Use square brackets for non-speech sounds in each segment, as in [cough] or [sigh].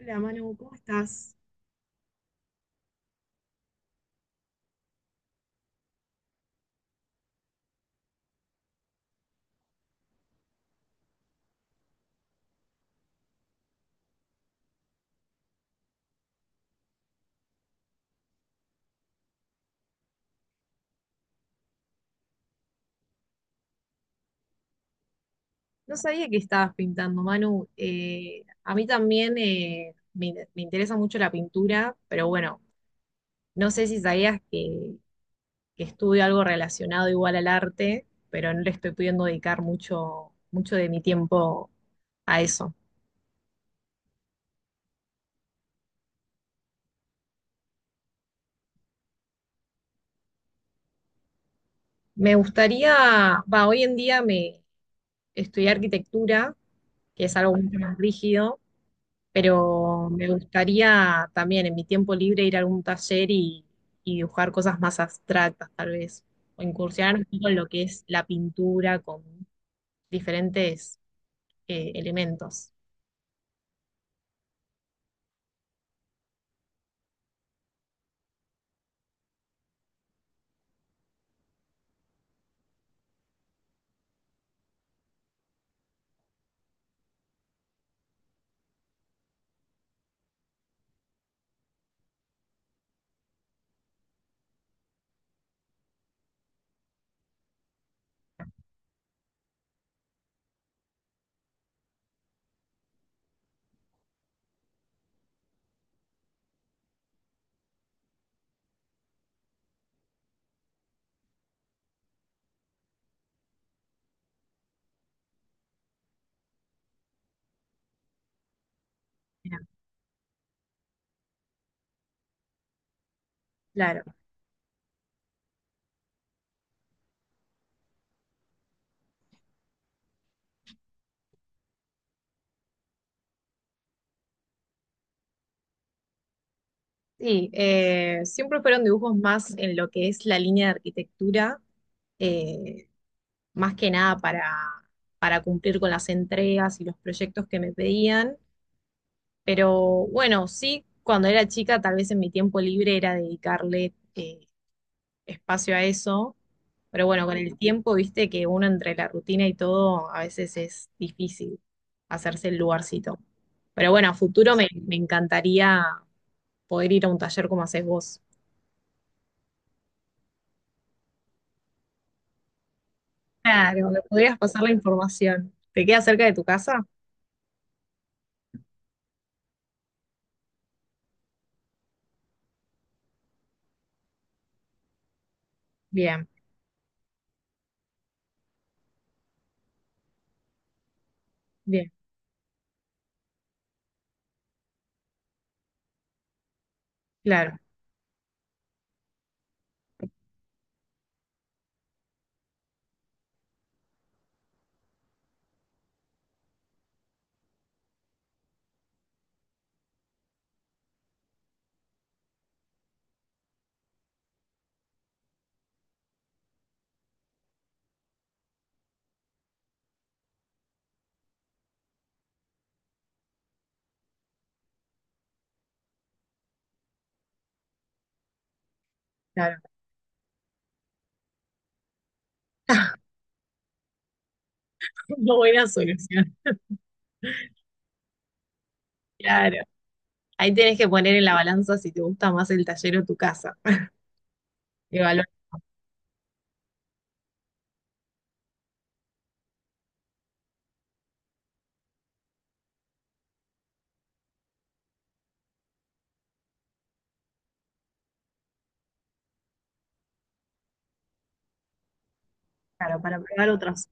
Hola Manu, ¿cómo estás? No sabía que estabas pintando, Manu. A mí también me interesa mucho la pintura, pero bueno, no sé si sabías que estudio algo relacionado igual al arte, pero no le estoy pudiendo dedicar mucho de mi tiempo a eso. Me gustaría, va, hoy en día me estudié arquitectura, que es algo mucho más rígido, pero me gustaría también en mi tiempo libre ir a algún taller y dibujar cosas más abstractas, tal vez, o incursionar un poco en lo que es la pintura con diferentes elementos. Mirá. Claro. Sí, siempre fueron dibujos más en lo que es la línea de arquitectura, eh, más que nada para, para cumplir con las entregas y los proyectos que me pedían. Pero bueno, sí, cuando era chica, tal vez en mi tiempo libre era dedicarle espacio a eso. Pero bueno, con el tiempo, viste que uno entre la rutina y todo, a veces es difícil hacerse el lugarcito. Pero bueno, a futuro me encantaría poder ir a un taller como haces vos. Claro, me podrías pasar la información. ¿Te queda cerca de tu casa? Bien, bien, claro, claro. [laughs] No, buena solución, claro. Ahí tenés que poner en la balanza si te gusta más el taller o tu casa. Evaluar, claro, para probar otras.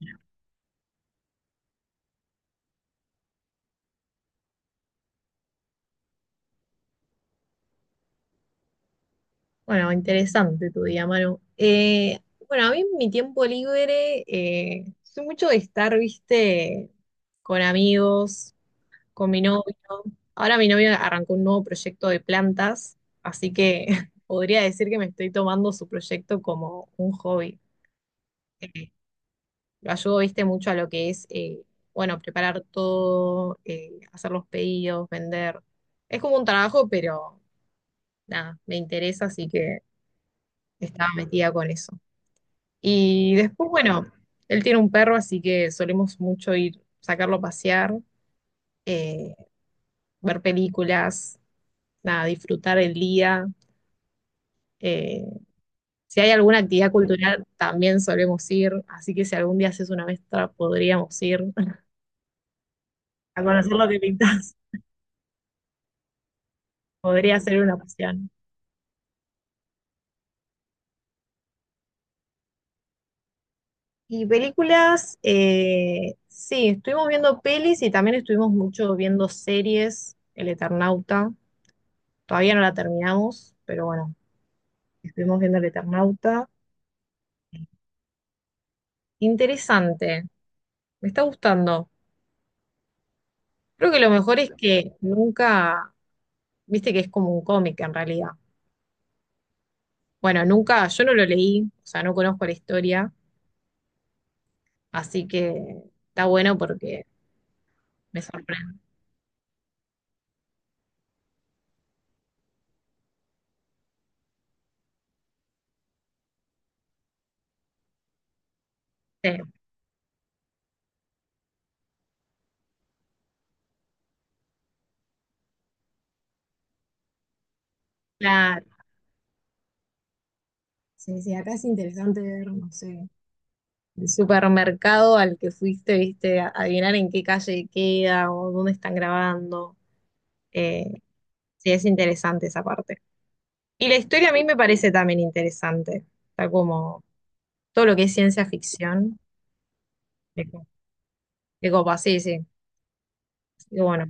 Bueno, interesante tu día, Manu. Bueno, a mí en mi tiempo libre, soy mucho de estar, viste, con amigos, con mi novio. Ahora mi novio arrancó un nuevo proyecto de plantas, así que [laughs] podría decir que me estoy tomando su proyecto como un hobby. Eh, lo ayudo, viste, mucho a lo que es, bueno, preparar todo, hacer los pedidos, vender. Es como un trabajo, pero nada, me interesa, así que estaba metida con eso. Y después, bueno, él tiene un perro, así que solemos mucho ir, sacarlo a pasear, eh, ver películas, nada, disfrutar el día. Eh, si hay alguna actividad cultural, también solemos ir, así que si algún día haces una mezcla, podríamos ir [laughs] a conocer lo que pintas. Podría ser una opción. Y películas, sí, estuvimos viendo pelis y también estuvimos mucho viendo series, El Eternauta. Todavía no la terminamos, pero bueno, estuvimos viendo el Eternauta. Interesante, me está gustando. Creo que lo mejor es que nunca, viste que es como un cómic en realidad. Bueno, nunca, yo no lo leí, o sea, no conozco la historia, así que está bueno porque me sorprende. Sí, claro, sí, sí, acá es interesante ver, no sé, el supermercado al que fuiste, viste, adivinar en qué calle queda o dónde están grabando. Eh, sí, es interesante esa parte. Y la historia a mí me parece también interesante. Está como todo lo que es ciencia ficción. De co- de copa, sí, sí. Y bueno,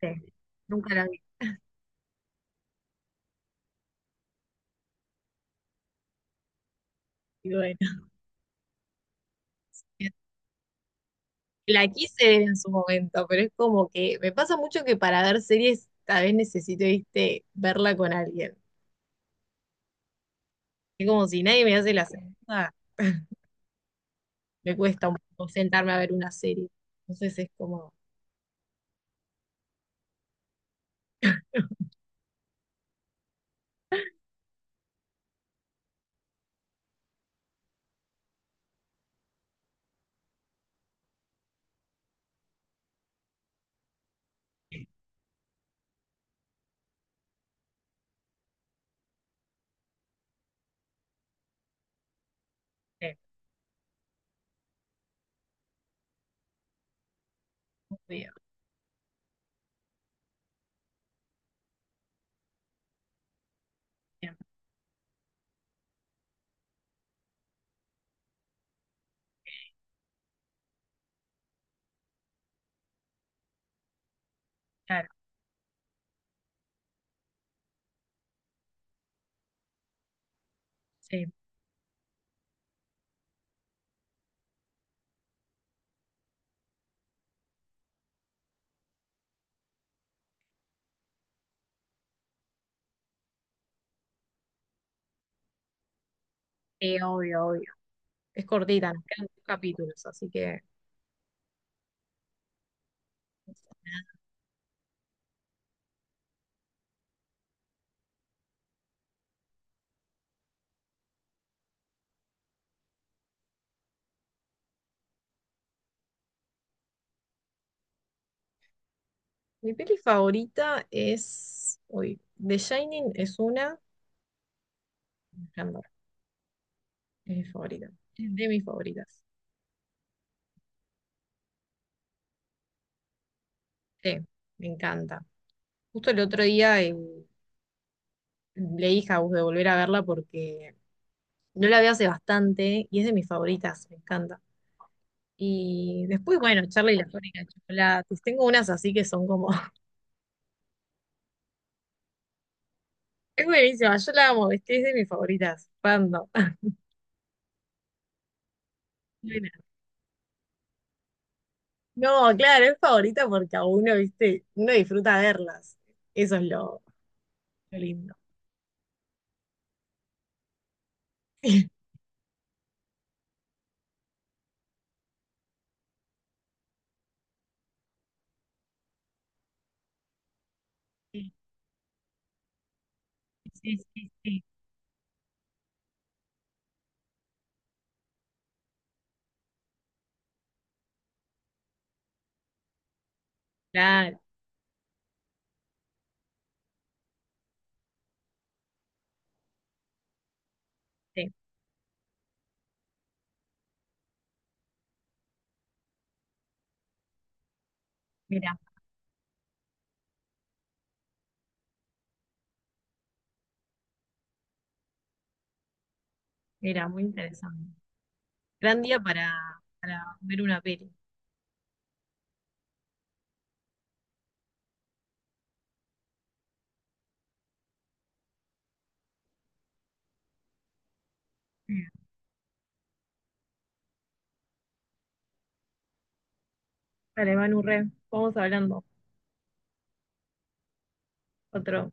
sí. Nunca la vi. Y bueno, [laughs] la quise ver en su momento, pero es como que me pasa mucho que para ver series tal vez necesito, viste, verla con alguien. Es como si nadie me hace la segunda, [laughs] me cuesta un poco sentarme a ver una serie. Entonces es como, sí, obvio, bien, claro, sí, sí, obvio, obvio. Es cortita, nos quedan 2 capítulos, así que. Mi peli favorita es. Uy, The Shining es una. Resplandor, es mi favorita. Es de mis favoritas. Sí, me encanta. Justo el otro día leí House de volver a verla porque no la vi hace bastante y es de mis favoritas, me encanta. Y después, bueno, Charlie y la fábrica de chocolates. Tengo unas así que son como. [laughs] Es buenísima, yo la amo, ¿viste? Es de mis favoritas. Pando. [laughs] Buena. No, claro, es favorita porque a uno, ¿viste? Uno disfruta verlas. Eso es lo. Lo lindo. Sí, sí, sí, sí, claro. Sí. Mira, mira, muy interesante. Gran día para ver una peli. Dale, Manu, re, vamos hablando. Otro.